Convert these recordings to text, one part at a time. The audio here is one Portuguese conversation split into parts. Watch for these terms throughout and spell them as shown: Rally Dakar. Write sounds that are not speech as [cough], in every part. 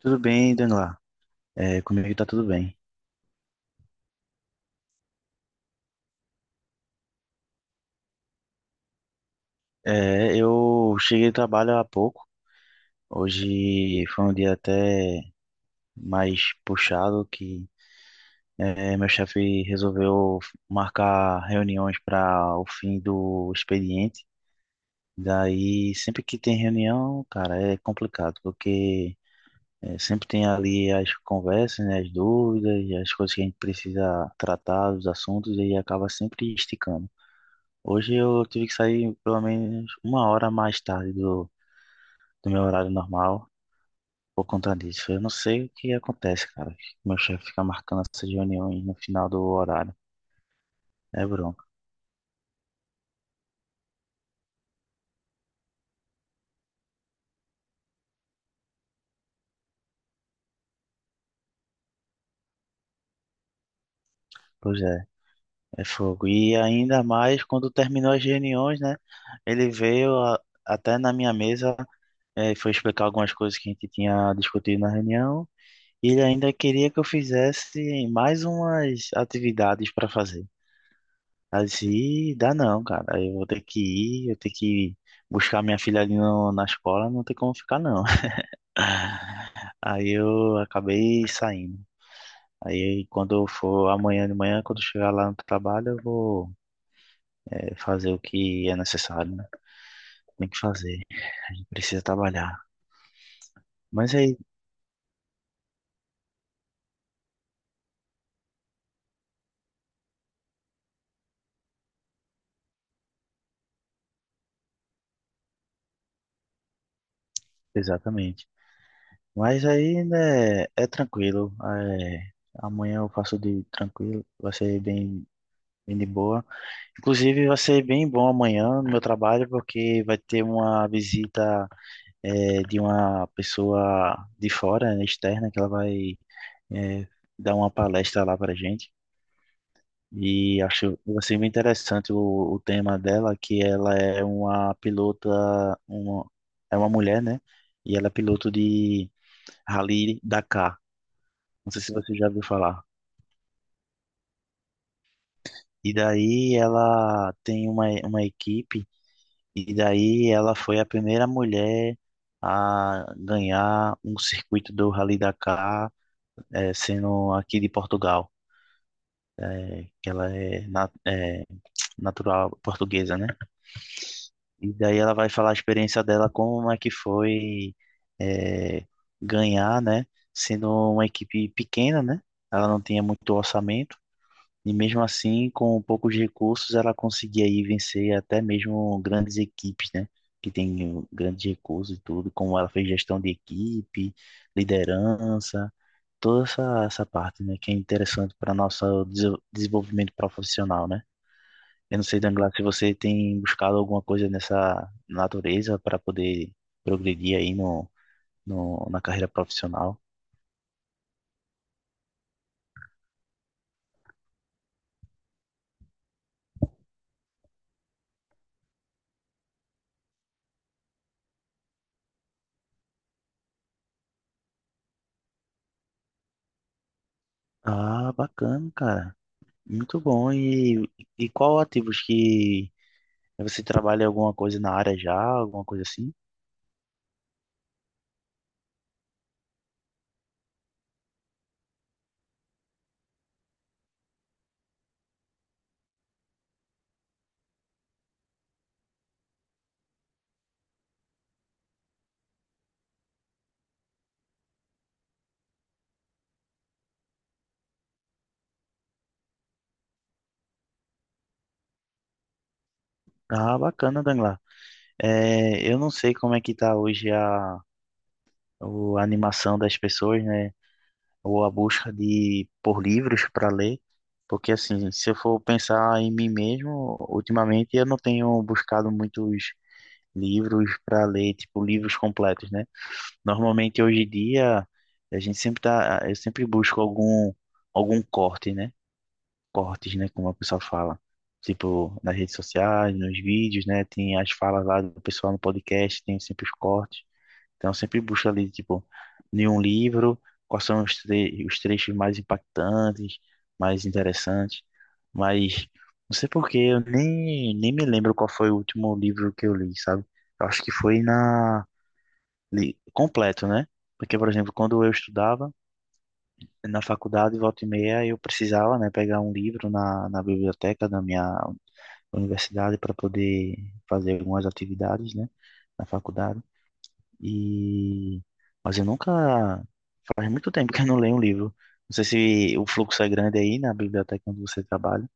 Tudo bem, Danila? É, comigo tá tudo bem. É, eu cheguei do trabalho há pouco. Hoje foi um dia até mais puxado que meu chefe resolveu marcar reuniões para o fim do expediente. Daí, sempre que tem reunião, cara, é complicado, porque sempre tem ali as conversas, né, as dúvidas, as coisas que a gente precisa tratar, os assuntos, e acaba sempre esticando. Hoje eu tive que sair pelo menos uma hora mais tarde do meu horário normal por conta disso. Eu não sei o que acontece, cara. Meu chefe fica marcando essas reuniões no final do horário. É bronca. Pois é, é fogo. E ainda mais quando terminou as reuniões, né? Ele veio a- Até na minha mesa, foi explicar algumas coisas que a gente tinha discutido na reunião. E ele ainda queria que eu fizesse mais umas atividades para fazer. Assim, dá não, cara. Eu vou ter que ir, eu tenho que buscar minha filha ali na escola, não tem como ficar não. [laughs] Aí eu acabei saindo. Aí quando eu for amanhã de manhã, quando eu chegar lá no trabalho, eu vou fazer o que é necessário, né? Tem que fazer, precisa trabalhar. Mas aí, exatamente. Mas aí, né, é tranquilo. Amanhã eu faço de tranquilo, vai ser bem, bem de boa. Inclusive, vai ser bem bom amanhã no meu trabalho, porque vai ter uma visita de uma pessoa de fora, né, externa, que ela vai eh, dar uma palestra lá para gente. E acho que vai ser bem interessante o tema dela, que ela é uma pilota, uma, é uma mulher, né? E ela é piloto de Rally Dakar. Não sei se você já ouviu falar. E daí ela tem uma equipe. E daí ela foi a primeira mulher a ganhar um circuito do Rally Dakar, sendo aqui de Portugal, eh, que ela é, na- eh, natural portuguesa, né? E daí ela vai falar a experiência dela, como é que foi, eh, ganhar, né? Sendo uma equipe pequena, né? Ela não tinha muito orçamento. E mesmo assim, com poucos recursos, ela conseguia aí vencer até mesmo grandes equipes, né? Que tem grandes recursos e tudo, como ela fez gestão de equipe, liderança, toda essa parte, né? Que é interessante para nosso desenvolvimento profissional, né? Eu não sei, Danglar, se você tem buscado alguma coisa nessa natureza para poder progredir aí no, no, na carreira profissional. Ah, bacana, cara. Muito bom. E qual ativos que você trabalha em alguma coisa na área já, alguma coisa assim? Ah, bacana, Danglar. É, eu não sei como é que tá hoje a animação das pessoas, né? Ou a busca de por livros para ler, porque assim, se eu for pensar em mim mesmo, ultimamente eu não tenho buscado muitos livros para ler, tipo livros completos, né? Normalmente hoje em dia a gente sempre tá, eu sempre busco algum algum corte, né? Cortes, né? Como a pessoa fala. Tipo, nas redes sociais, nos vídeos, né? Tem as falas lá do pessoal no podcast, tem sempre os cortes. Então, eu sempre busco ali, tipo, em um livro, quais são os trechos mais impactantes, mais interessantes. Mas, não sei por que, eu nem me lembro qual foi o último livro que eu li, sabe? Eu acho que foi na... completo, né? Porque, por exemplo, quando eu estudava, na faculdade, volta e meia, eu precisava, né, pegar um livro na biblioteca da minha universidade para poder fazer algumas atividades, né, na faculdade. E mas eu nunca faz muito tempo que eu não leio um livro. Não sei se o fluxo é grande aí na biblioteca onde você trabalha.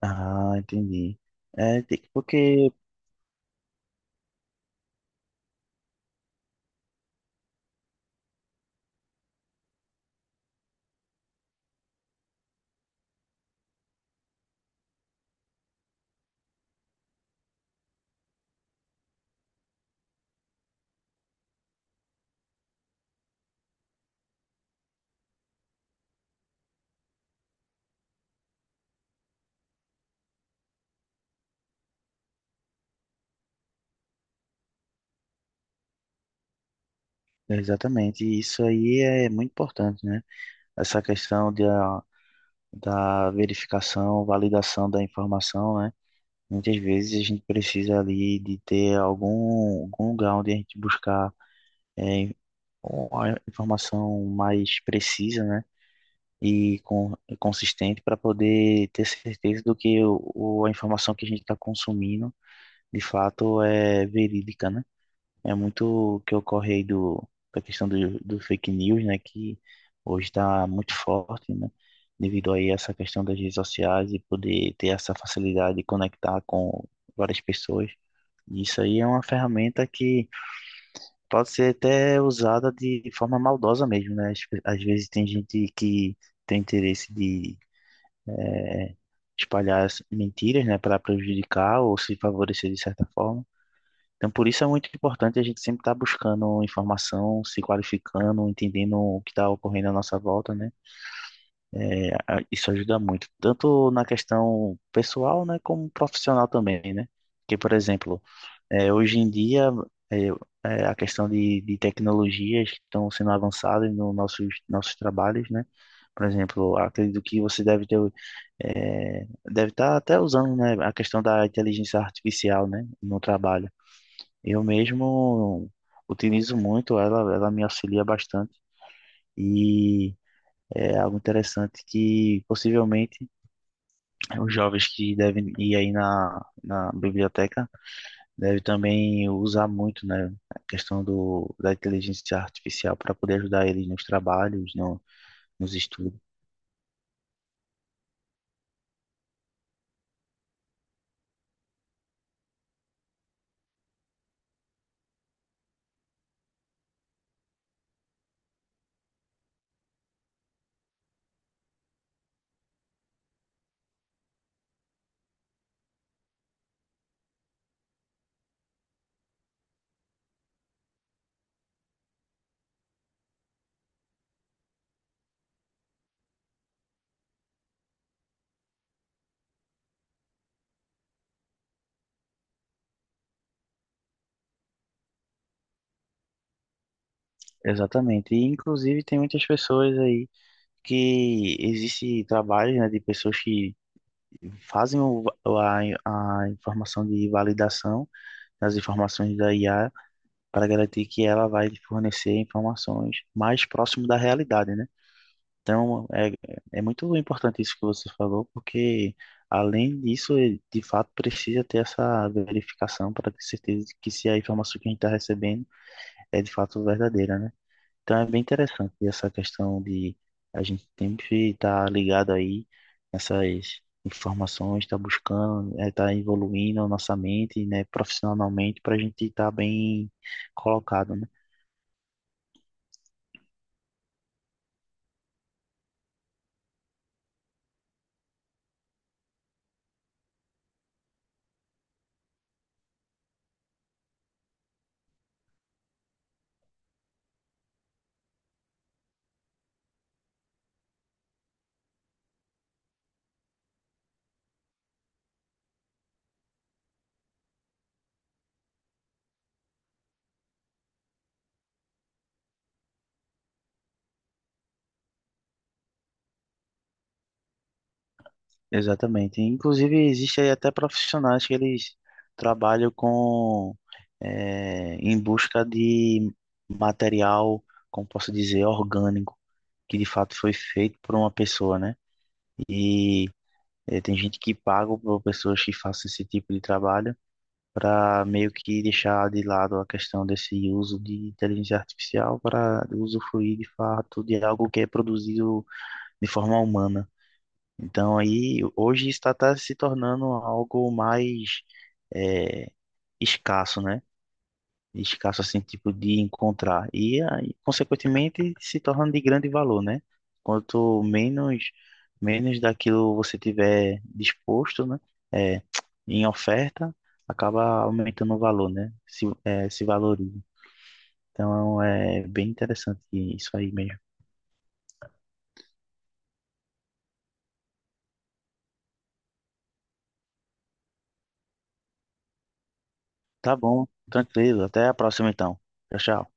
Ah, entendi. Porque exatamente isso aí é muito importante, né? Essa questão da verificação, validação da informação, né? Muitas vezes a gente precisa ali de ter algum, algum lugar onde a gente buscar é, uma informação mais precisa, né? E com, consistente para poder ter certeza do que a informação que a gente está consumindo de fato é verídica, né? É muito o que ocorre aí do, da questão do fake news, né? Que hoje está muito forte, né? Devido aí a essa questão das redes sociais e poder ter essa facilidade de conectar com várias pessoas. Isso aí é uma ferramenta que pode ser até usada de forma maldosa mesmo, né? Às vezes tem gente que tem interesse de eh, espalhar as mentiras, né, para prejudicar ou se favorecer de certa forma. Então, por isso é muito importante a gente sempre estar buscando informação, se qualificando, entendendo o que está ocorrendo à nossa volta, né? Isso ajuda muito, tanto na questão pessoal, né, como profissional também, né? Porque, por exemplo, é, hoje em dia, é, a questão de tecnologias que estão sendo avançadas nos nossos trabalhos, né? Por exemplo, acredito que você deve ter, deve estar até usando, né, a questão da inteligência artificial, né, no trabalho. Eu mesmo utilizo muito ela, ela me auxilia bastante e é algo interessante que possivelmente os jovens que devem ir aí na biblioteca deve também usar muito, né, a questão da inteligência artificial para poder ajudar eles nos trabalhos, no, nos estudos. Exatamente. E, inclusive, tem muitas pessoas aí que existe trabalho, né, de pessoas que fazem a informação de validação das informações da IA para garantir que ela vai fornecer informações mais próximo da realidade, né? Então, é muito importante isso que você falou, porque além disso, ele, de fato, precisa ter essa verificação para ter certeza de que se a informação que a gente está recebendo é de fato verdadeira, né? Então, é bem interessante essa questão de a gente sempre estar ligado aí nessas informações, estar buscando, estar evoluindo a nossa mente, né, profissionalmente, para a gente estar bem colocado, né? Exatamente. Inclusive, existe aí até profissionais que eles trabalham com em busca de material, como posso dizer, orgânico, que de fato foi feito por uma pessoa, né? E tem gente que paga por pessoas que façam esse tipo de trabalho para meio que deixar de lado a questão desse uso de inteligência artificial para usufruir de fato de algo que é produzido de forma humana. Então aí hoje está tá se tornando algo mais é, escasso, né? Escasso assim, tipo de encontrar. E aí, consequentemente se torna de grande valor, né? Quanto menos daquilo você tiver disposto, né? É, em oferta, acaba aumentando o valor, né? Se valoriza. Então é bem interessante isso aí mesmo. Tá bom, tranquilo. Até a próxima então. Tchau, tchau.